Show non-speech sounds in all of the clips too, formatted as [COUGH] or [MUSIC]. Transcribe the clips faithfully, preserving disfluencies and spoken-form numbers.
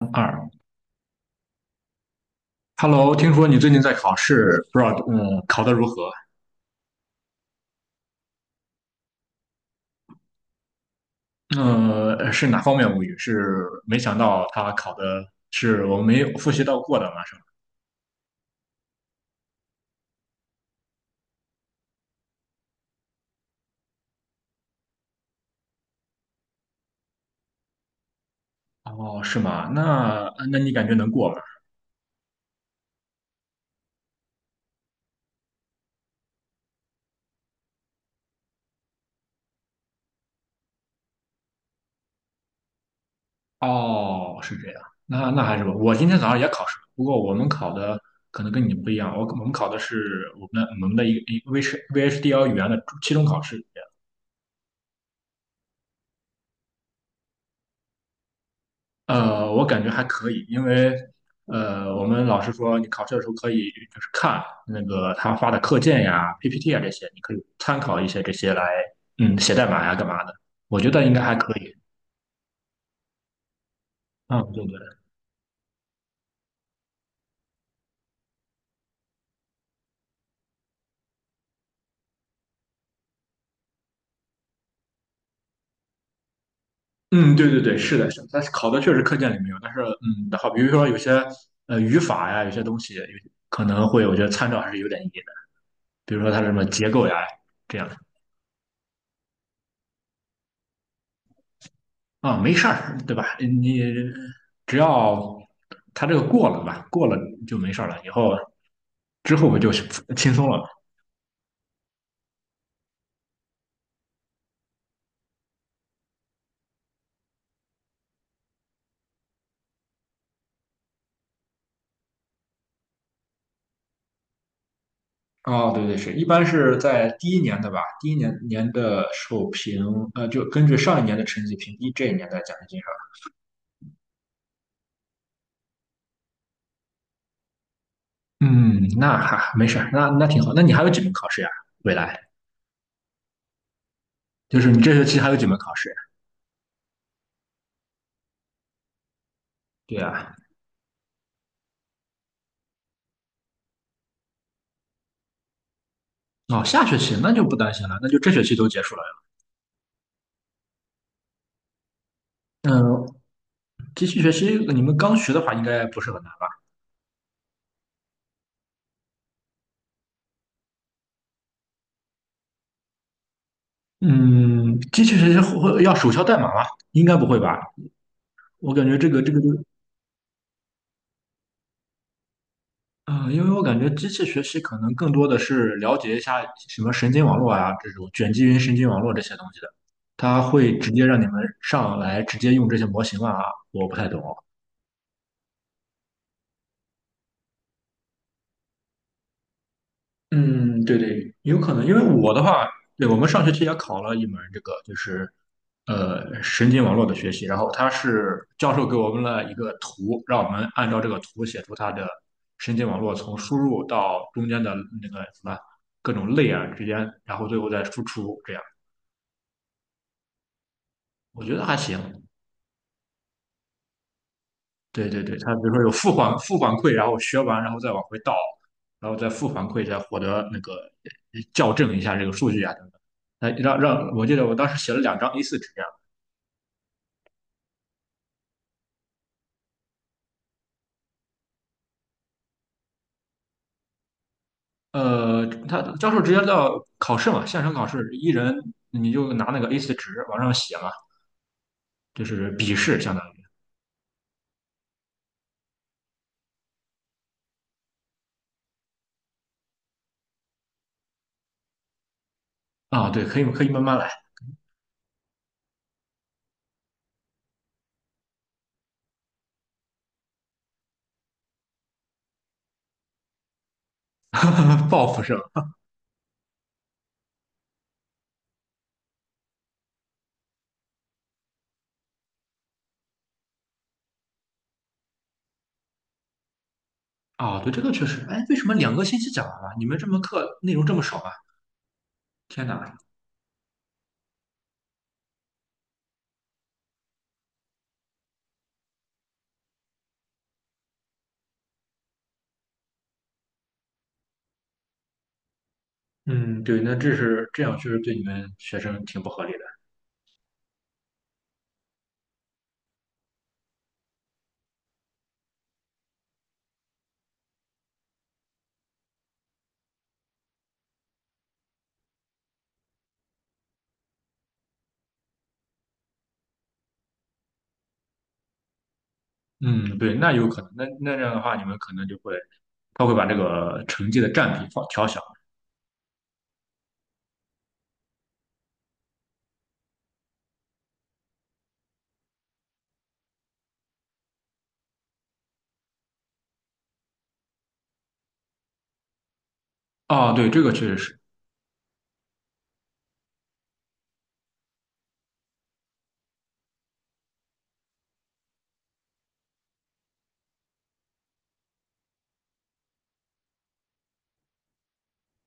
二 Hello，听说你最近在考试，不知道嗯考得如何？呃，是哪方面无语？是没想到他考的是我没有复习到过的吗？上。哦，是吗？那那你感觉能过吗？哦，是这样，那那还是吧。我今天早上也考试了，不过我们考的可能跟你不一样，我我们考的是我们的我们的一个一个 V H V H D L 语言的期中考试。呃，我感觉还可以，因为呃，我们老师说你考试的时候可以就是看那个他发的课件呀、P P T 啊这些，你可以参考一些这些来，嗯，写代码呀干嘛的，我觉得应该还可以。嗯，对对。嗯，对对对，是的，是的，但是考的确实课件里没有，但是嗯，好，比如说有些呃语法呀，有些东西有可能会，我觉得参照还是有点意义的，比如说它什么结构呀这样。啊，没事儿，对吧？你只要他这个过了吧，过了就没事儿了，以后之后不就 [LAUGHS] 轻松了吗？哦，对对是，一般是在第一年的吧，第一年年的授评，呃，就根据上一年的成绩评低这一年的奖学金是嗯，那哈没事儿，那那挺好。那你还有几门考试呀？未来就是你这学期还有几门考试？对啊。哦，下学期那就不担心了，那就这学期都结束了。嗯，继续学期你们刚学的话应该不是很难。嗯，机器学习会要手敲代码吗？应该不会吧？我感觉这个这个就，嗯、因为我感觉机器学习可能更多的是了解一下什么神经网络啊，这种卷积云神经网络这些东西的，它会直接让你们上来直接用这些模型啊。我不太懂。嗯，对对，有可能，因为我的话，对，我们上学期也考了一门这个，就是呃神经网络的学习，然后他是教授给我们了一个图，让我们按照这个图写出它的神经网络从输入到中间的那个什么各种类啊之间，然后最后再输出，这样我觉得还行。对对对，他比如说有负反负反馈，然后学完然后再往回倒，然后再负反馈，再获得那个呃校正一下这个数据啊等等。那让让我记得我当时写了两张 a 四纸这样。呃，他教授直接到考试嘛，线上考试，一人你就拿那个 a 四纸往上写嘛，就是笔试相当于。啊，对，可以可以慢慢来。[LAUGHS] 报复生。啊，对，这个确实，哎，为什么两个星期讲完了？你们这门课内容这么少啊？天哪！嗯，对，那这是这样，确实对你们学生挺不合理的。嗯，对，那有可能，那那这样的话，你们可能就会，他会把这个成绩的占比放调小。啊。对，这个确实是，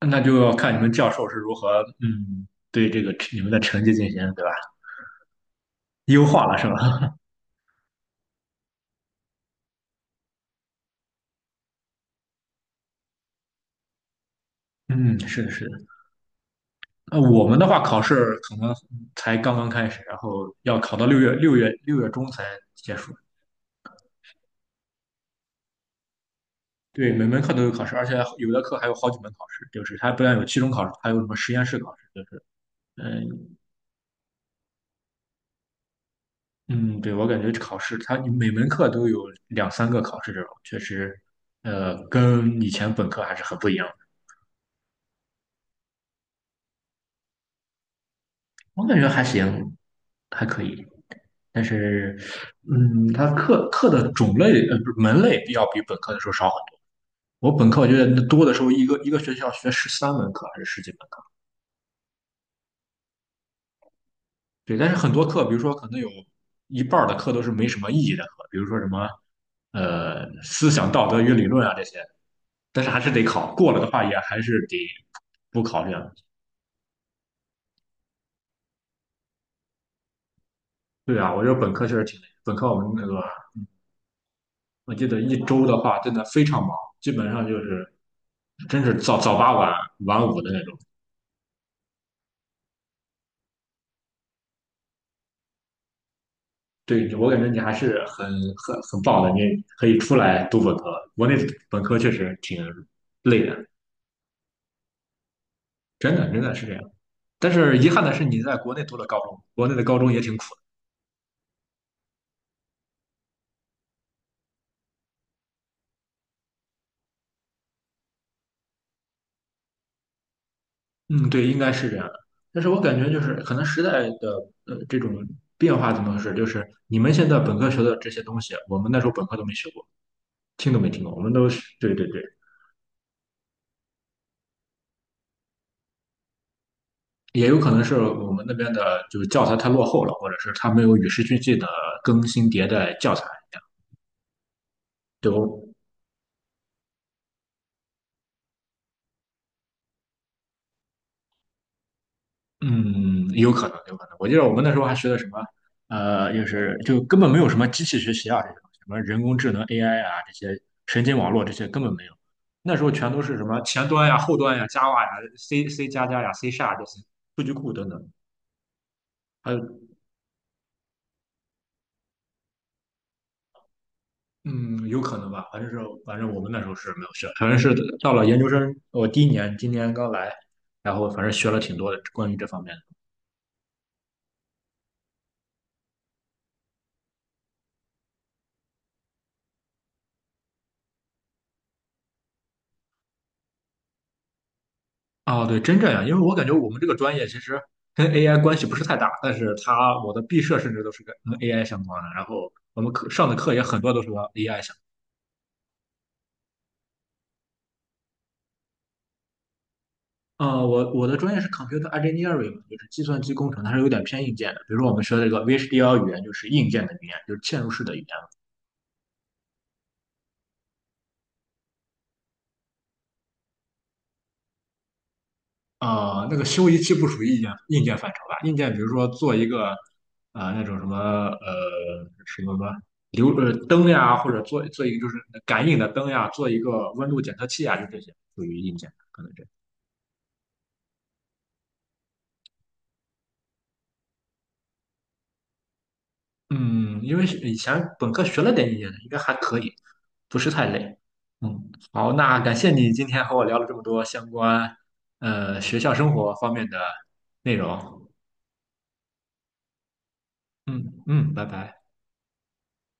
那就要看你们教授是如何，嗯，对这个你们的成绩进行，对吧？优化了是吧？[LAUGHS] 嗯，是的，是的。那我们的话，考试可能才刚刚开始，然后要考到六月六月六月中才结束。对，每门课都有考试，而且有的课还有好几门考试，就是它不但有期中考试，还有什么实验室考试，就是。嗯。嗯，对，我感觉考试它每门课都有两三个考试这种，确实，呃，跟以前本科还是很不一样的。我感觉还行，还可以。但是，嗯，它课课的种类呃不是门类要比本科的时候少很多。我本科我觉得那多的时候，一个一个学校学十三门课还是十几门课。对，但是很多课，比如说可能有一半儿的课都是没什么意义的课，比如说什么呃思想道德与理论啊这些，但是还是得考，过了的话也还是得不考这样。对啊，我觉得本科确实挺累，本科我们那个我记得一周的话真的非常忙，基本上就是真是早早八晚晚五的那种。对我感觉你还是很很很棒的，你可以出来读本科。国内本科确实挺累的，真的真的是这样。但是遗憾的是，你在国内读了高中，国内的高中也挺苦。嗯，对，应该是这样的。但是我感觉就是可能时代的呃这种变化怎么回事？就是你们现在本科学的这些东西，我们那时候本科都没学过，听都没听过。我们都是对对对，也有可能是我们那边的就是教材太落后了，或者是它没有与时俱进的更新迭代教材一样。对，我嗯，有可能，有可能。我记得我们那时候还学的什么，呃，就是就根本没有什么机器学习啊，这种什么人工智能 A I 啊，这些神经网络这些根本没有。那时候全都是什么前端呀、后端呀、Java 呀、C、C 加加呀、C 下这些数据库等等。还有，嗯，有可能吧，反正是反正我们那时候是没有学，反正是到了研究生，我第一年，今年刚来，然后反正学了挺多的关于这方面的。哦，对，真这样，因为我感觉我们这个专业其实跟 A I 关系不是太大，但是它我的毕设甚至都是跟跟 A I 相关的，然后我们课上的课也很多都是和 A I 相关。啊，我我的专业是 computer engineering，嘛就是计算机工程，它是有点偏硬件的。比如说我们学的这个 V H D L 语言就是硬件的语言，就是嵌入式的语言。啊，那个修仪器不属于硬件硬件范畴吧？硬件比如说做一个啊、呃那种什么呃什么什么流呃灯呀，或者做做一个就是感应的灯呀，做一个温度检测器啊，就这些属于硬件，可能这样。嗯，因为是以前本科学了点硬件的应该还可以，不是太累。嗯，好，那感谢你今天和我聊了这么多相关呃学校生活方面的内容。嗯嗯，拜拜。